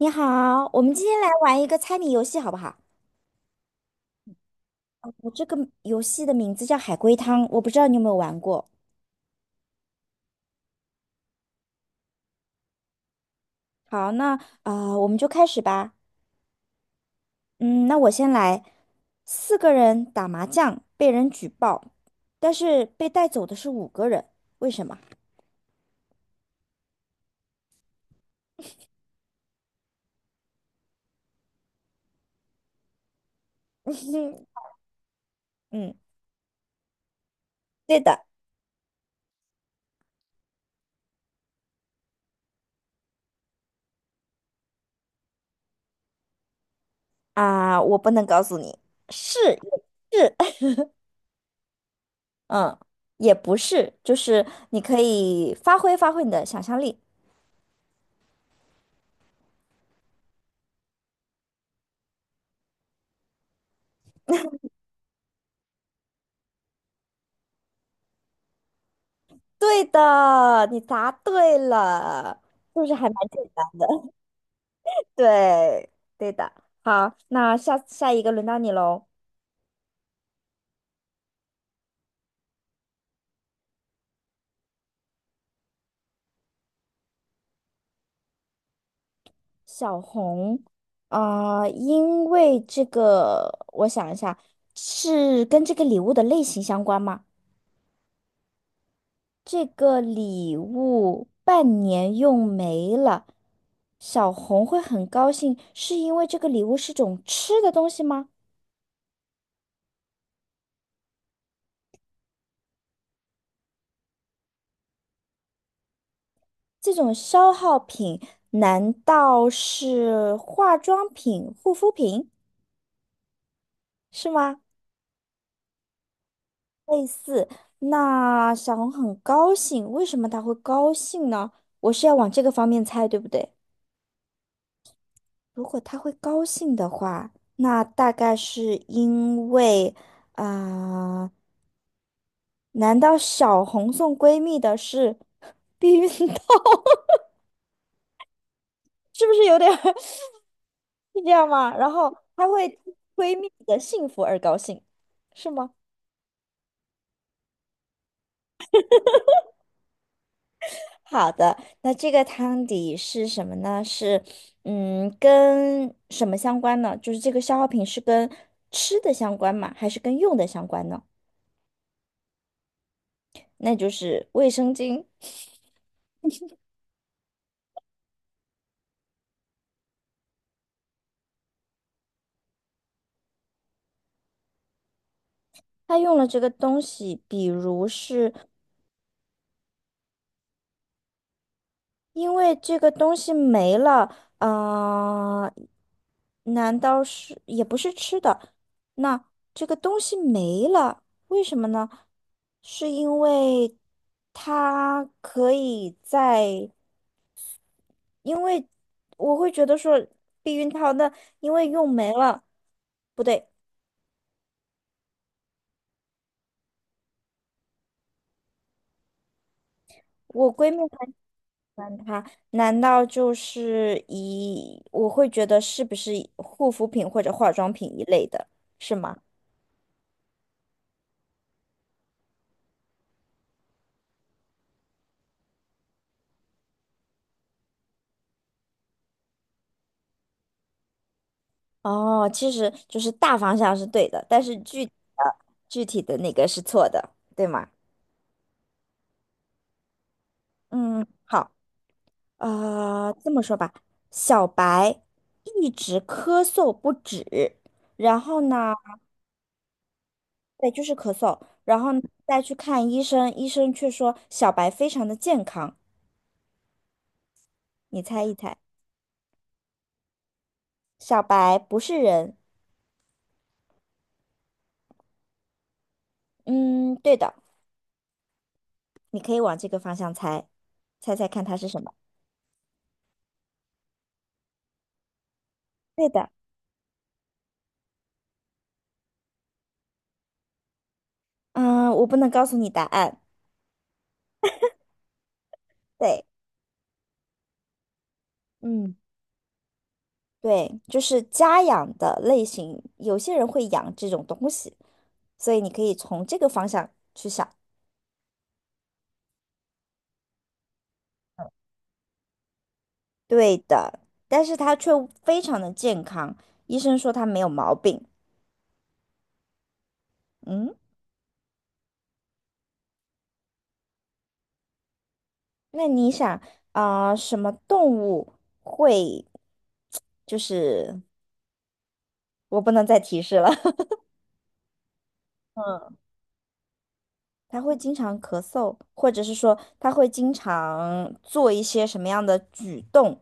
你好，我们今天来玩一个猜谜游戏，好不好？我这个游戏的名字叫海龟汤，我不知道你有没有玩过。好，那我们就开始吧。嗯，那我先来。四个人打麻将被人举报，但是被带走的是五个人，为什么？嗯，对的我不能告诉你，是也是，嗯，也不是，就是你可以发挥你的想象力。对的，你答对了，是不是还蛮简单的？对，对的。好，那下一个轮到你喽。小红。因为这个，我想一下，是跟这个礼物的类型相关吗？这个礼物半年用没了，小红会很高兴，是因为这个礼物是种吃的东西吗？这种消耗品难道是化妆品、护肤品是吗？类似，那小红很高兴，为什么她会高兴呢？我是要往这个方面猜，对不对？如果她会高兴的话，那大概是因为，啊、难道小红送闺蜜的是 避孕套？是不是有点 是这样吗？然后他会为蜜的幸福而高兴，是吗？好的，那这个汤底是什么呢？是嗯，跟什么相关呢？就是这个消耗品是跟吃的相关吗？还是跟用的相关呢？那就是卫生巾。她用了这个东西，比如是因为这个东西没了，啊，难道是也不是吃的？那这个东西没了，为什么呢？是因为它可以在，因为我会觉得说避孕套那因为用没了，不对，我闺蜜很喜欢它，难道就是一，我会觉得是不是护肤品或者化妆品一类的，是吗？哦，其实就是大方向是对的，但是具体的那个是错的，对吗？嗯，好，呃，这么说吧。小白一直咳嗽不止，然后呢，对，就是咳嗽，然后呢再去看医生，医生却说小白非常的健康，你猜一猜。小白不是人，嗯，对的，你可以往这个方向猜，猜猜看它是什么？对的，嗯，我不能告诉你答案，对，嗯。对，就是家养的类型，有些人会养这种东西，所以你可以从这个方向去想。对的，但是它却非常的健康，医生说它没有毛病。嗯，那你想什么动物会，就是我不能再提示了。嗯，它会经常咳嗽，或者是说它会经常做一些什么样的举动，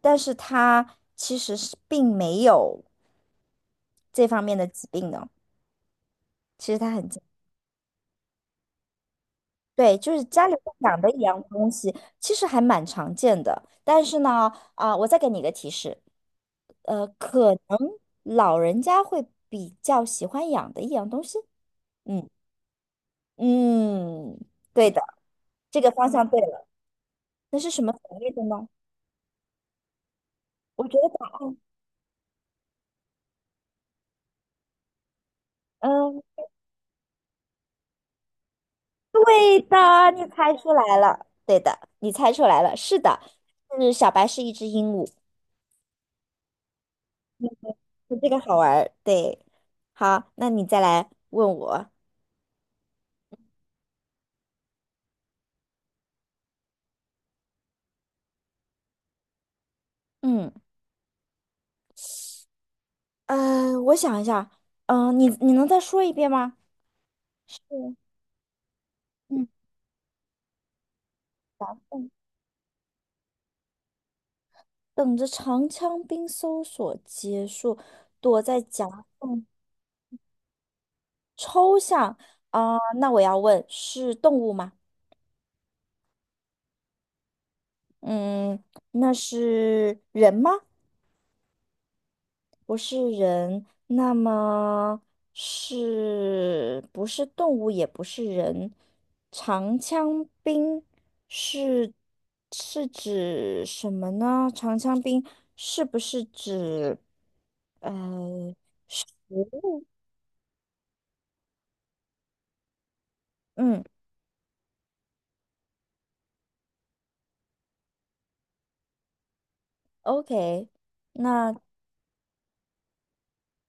但是它其实是并没有。这方面的疾病呢，其实它很健对，就是家里会养的一样东西，其实还蛮常见的。但是呢，我再给你一个提示。可能老人家会比较喜欢养的一样东西。嗯嗯，对的，这个方向对了。那是什么种类的呢？我觉得答案，嗯，对的，你猜出来了，对的，你猜出来了，是的，是小白是一只鹦鹉。这个好玩儿，对。好，那你再来问我。嗯，我想一下，你能再说一遍吗？嗯嗯嗯，等着长枪兵搜索结束，躲在夹缝抽象那我要问，是动物吗？嗯，那是人吗？不是人，那么是不是动物，也不是人？长枪兵是是指什么呢？长枪兵是不是指呃嗯，OK，那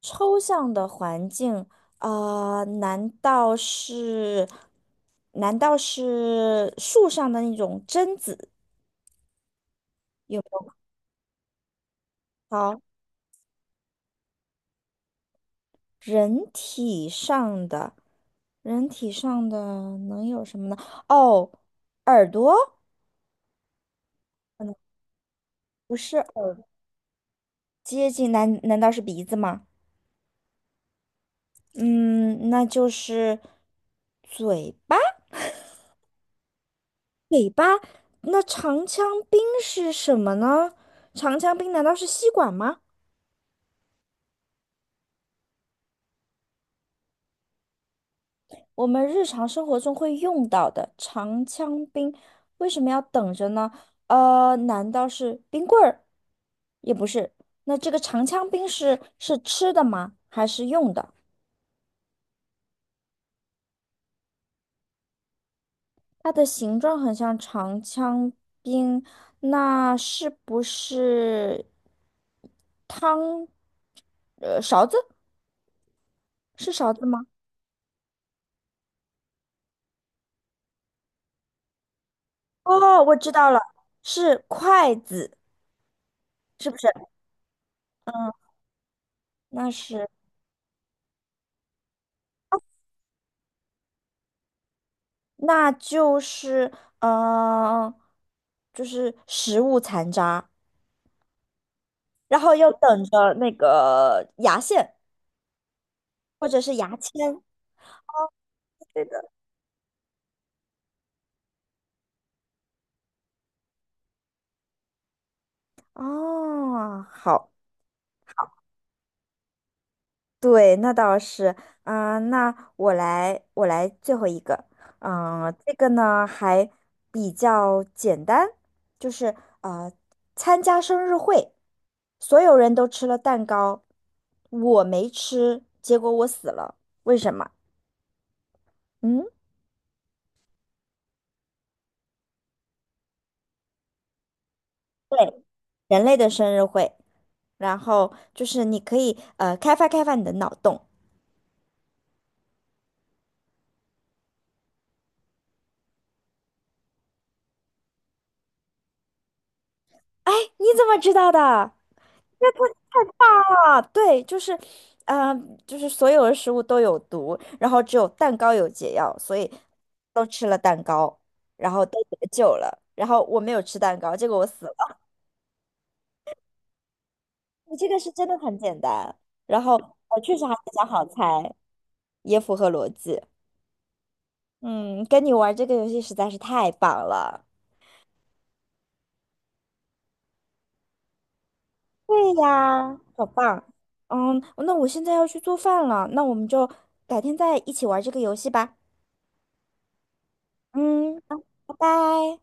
抽象的环境难道是难道是树上的那种榛子？有没有？好人体上的，人体上的能有什么呢？哦，耳朵不是耳接近，难是鼻子吗？嗯，那就是嘴巴。那长枪兵是什么呢？长枪兵难道是吸管吗？我们日常生活中会用到的长枪兵，为什么要等着呢？难道是冰棍儿？也不是。那这个长枪兵是是吃的吗？还是用的？它的形状很像长枪兵，那是不是汤？勺子？是勺子吗？哦，我知道了，是筷子，是不是？那是。那就是嗯、呃就是食物残渣，然后又等着那个牙线或者是牙签。哦，好，对，那倒是。那我来，我来最后一个。这个呢还比较简单，就是呃，参加生日会，所有人都吃了蛋糕，我没吃，结果我死了，为什么？嗯。对。人类的生日会，然后就是你可以开发你的脑洞。哎，你怎么知道的？啊，对，就是，嗯，就是所有的食物都有毒，然后只有蛋糕有解药，所以都吃了蛋糕，然后都得救了。然后我没有吃蛋糕，结果我死了。你这个是真的很简单，然后我确实还比较好猜，也符合逻辑。嗯，跟你玩这个游戏实在是太棒了。对呀，好棒。嗯，那我现在要去做饭了，那我们就改天再一起玩这个游戏吧。嗯，好拜拜。